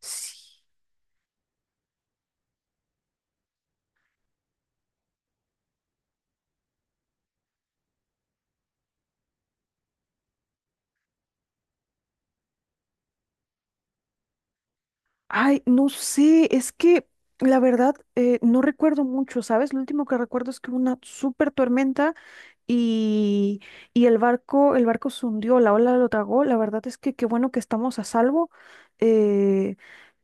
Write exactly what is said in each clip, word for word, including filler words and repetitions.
Sí. Ay, no sé, es que la verdad eh, no recuerdo mucho, ¿sabes? Lo último que recuerdo es que hubo una súper tormenta y, y el barco, el barco se hundió, la ola lo tragó. La verdad es que qué bueno que estamos a salvo. Eh,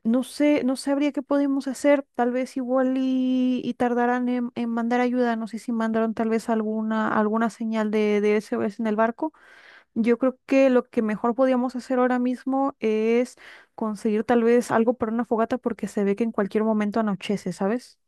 no sé, no sabría qué podemos hacer. Tal vez igual y, y tardarán en, en mandar ayuda. No sé si mandaron tal vez alguna, alguna señal de, de S O S en el barco. Yo creo que lo que mejor podíamos hacer ahora mismo es conseguir tal vez algo para una fogata porque se ve que en cualquier momento anochece, ¿sabes?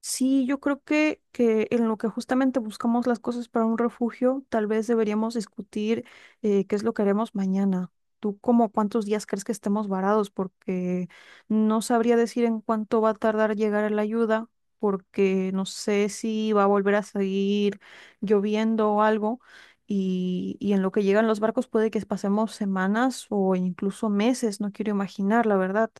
Sí, yo creo que, que en lo que justamente buscamos las cosas para un refugio, tal vez deberíamos discutir eh, qué es lo que haremos mañana. ¿Tú como cuántos días crees que estemos varados? Porque no sabría decir en cuánto va a tardar llegar la ayuda, porque no sé si va a volver a seguir lloviendo o algo. Y, y en lo que llegan los barcos puede que pasemos semanas o incluso meses, no quiero imaginar, la verdad.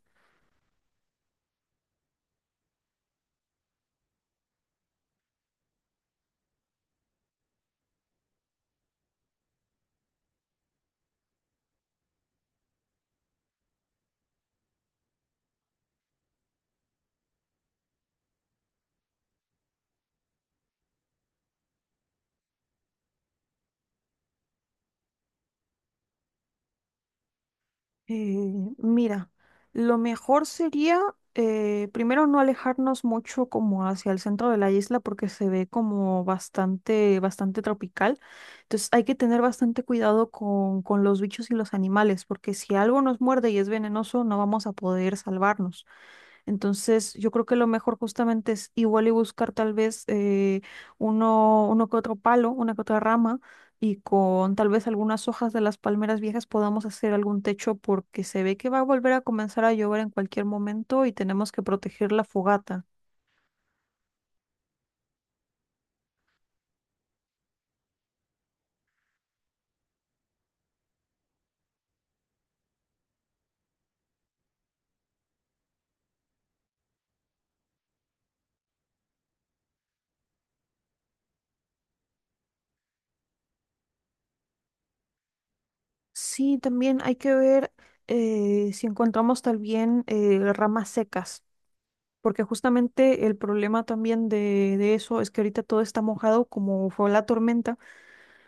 Eh, Mira, lo mejor sería eh, primero no alejarnos mucho como hacia el centro de la isla porque se ve como bastante, bastante tropical. Entonces hay que tener bastante cuidado con, con los bichos y los animales porque si algo nos muerde y es venenoso no vamos a poder salvarnos. Entonces, yo creo que lo mejor justamente es igual y buscar tal vez eh, uno, uno que otro palo, una que otra rama, y con tal vez algunas hojas de las palmeras viejas podamos hacer algún techo porque se ve que va a volver a comenzar a llover en cualquier momento y tenemos que proteger la fogata. Sí, también hay que ver eh, si encontramos también eh, ramas secas, porque justamente el problema también de, de eso es que ahorita todo está mojado como fue la tormenta.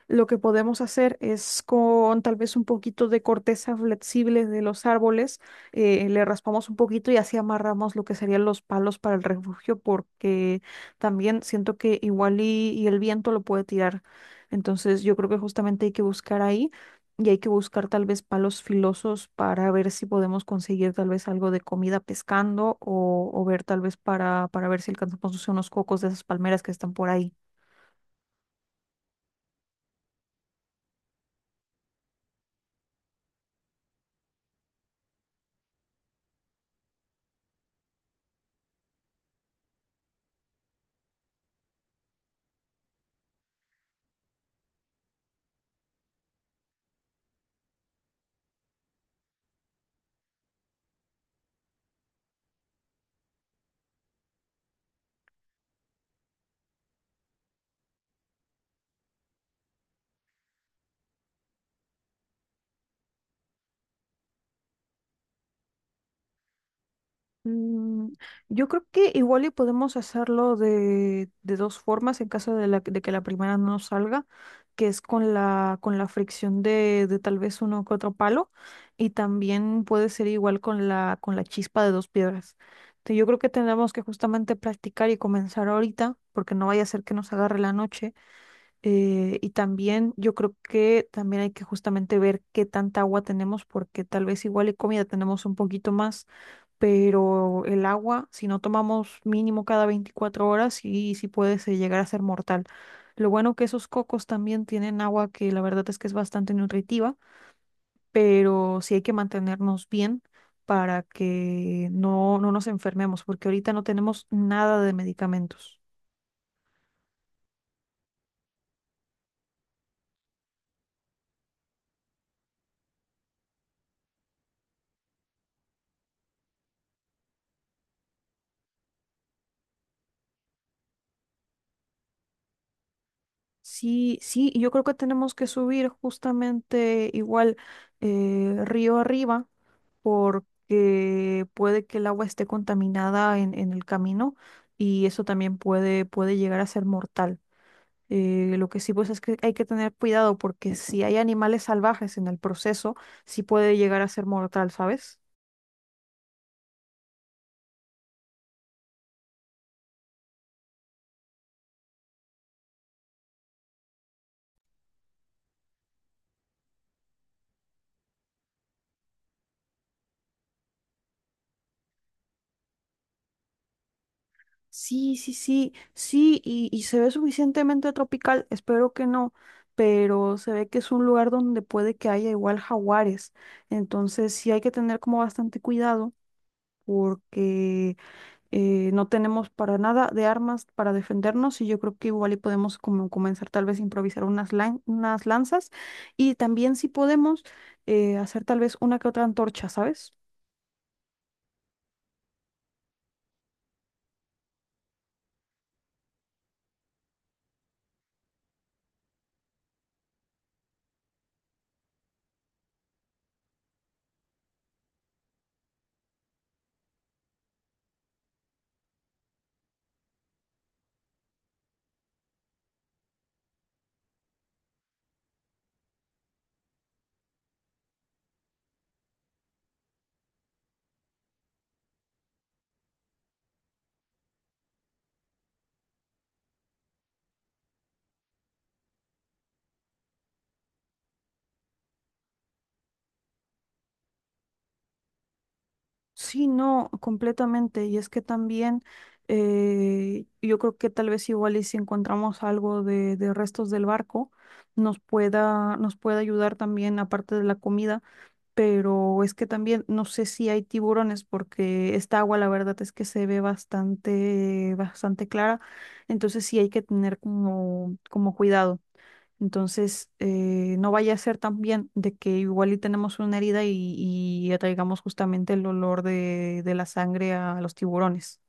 Lo que podemos hacer es con tal vez un poquito de corteza flexible de los árboles, eh, le raspamos un poquito y así amarramos lo que serían los palos para el refugio, porque también siento que igual y, y el viento lo puede tirar. Entonces yo creo que justamente hay que buscar ahí y hay que buscar tal vez palos filosos para ver si podemos conseguir tal vez algo de comida pescando o, o ver tal vez para, para ver si alcanzamos no sé, unos cocos de esas palmeras que están por ahí. Mm, yo creo que igual y podemos hacerlo de, de dos formas en caso de, la- de que la primera no nos salga, que es con la, con la fricción de, de tal vez uno que otro palo y también puede ser igual con la, con la chispa de dos piedras. Te- Yo creo que tendremos que justamente practicar y comenzar ahorita porque no vaya a ser que nos agarre la noche eh, y también yo creo que también hay que justamente ver qué tanta agua tenemos porque tal vez igual y comida tenemos un poquito más pero el agua, si no tomamos mínimo cada veinticuatro horas, sí, sí puede se- llegar a ser mortal. Lo bueno que esos cocos también tienen agua que la verdad es que es bastante nutritiva, pero sí hay que mantenernos bien para que no, no nos enfermemos, porque ahorita no tenemos nada de medicamentos. Sí, sí, y yo creo que tenemos que subir justamente igual eh, río arriba porque puede que el agua esté contaminada en, en el camino y eso también puede, puede llegar a ser mortal. Eh, lo que sí pues es que hay que tener cuidado porque si hay animales salvajes en el proceso, sí puede llegar a ser mortal, ¿sabes? Sí, sí, sí, sí, y, y se ve suficientemente tropical, espero que no, pero se ve que es un lugar donde puede que haya igual jaguares, entonces sí hay que tener como bastante cuidado porque eh, no tenemos para nada de armas para defendernos y yo creo que igual y podemos como comenzar tal vez a improvisar unas, lan- unas lanzas y también si podemos eh, hacer tal vez una que otra antorcha, ¿sabes? Sí, no, completamente. Y es que también eh, yo creo que tal vez igual y si encontramos algo de, de restos del barco, nos pueda, nos pueda ayudar también, aparte de la comida pero es que también no sé si hay tiburones porque esta agua la verdad es que se ve bastante, bastante clara, entonces sí hay que tener como, como cuidado. Entonces, eh, no vaya a ser también de que igual y tenemos una herida y, y atraigamos justamente el olor de, de la sangre a los tiburones.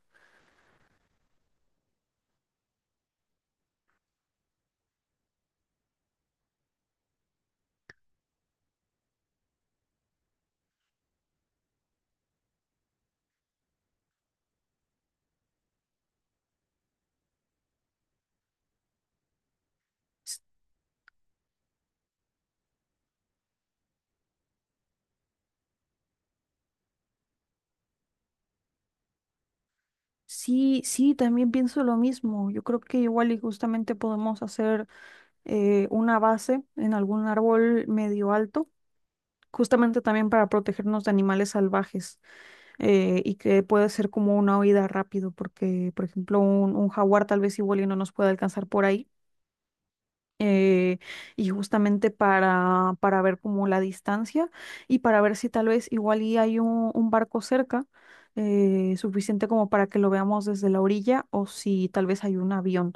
Sí, sí, también pienso lo mismo. Yo creo que igual y justamente podemos hacer eh, una base en algún árbol medio alto justamente también para protegernos de animales salvajes eh, y que puede ser como una huida rápido, porque por ejemplo un, un jaguar tal vez igual y no nos puede alcanzar por ahí eh, y justamente para, para ver como la distancia y para ver si tal vez igual y hay un, un barco cerca eh, suficiente como para que lo veamos desde la orilla o si tal vez hay un avión.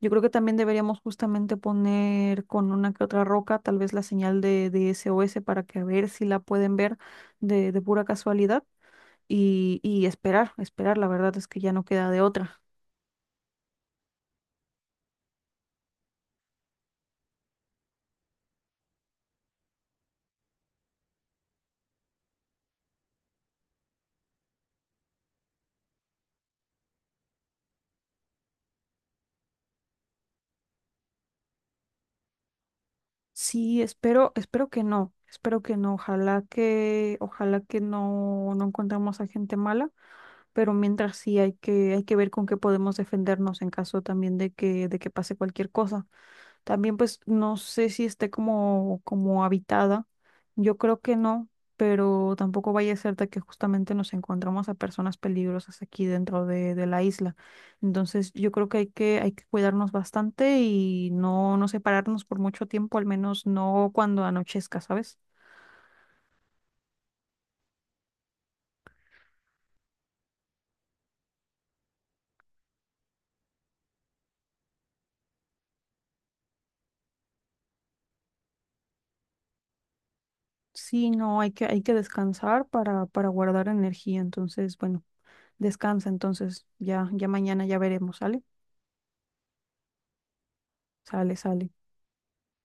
Yo creo que también deberíamos justamente poner con una que otra roca tal vez la señal de, de S O S para que a ver si la pueden ver de, de pura casualidad y, y esperar, esperar, la verdad es que ya no queda de otra. Sí, espero, espero que no, espero que no, ojalá que, ojalá que no, no encontremos a gente mala, pero mientras sí hay que, hay que ver con qué podemos defendernos en caso también de que, de que pase cualquier cosa. También pues no sé si esté como, como habitada. Yo creo que no, pero tampoco vaya a ser de que justamente nos encontramos a personas peligrosas aquí dentro de, de la isla. Entonces yo creo que hay que, hay que cuidarnos bastante y no, no separarnos por mucho tiempo, al menos no cuando anochezca, ¿sabes? Sí, no, hay que, hay que descansar para, para guardar energía. Entonces, bueno, descansa entonces. Ya, ya mañana ya veremos, ¿sale? Sale, sale.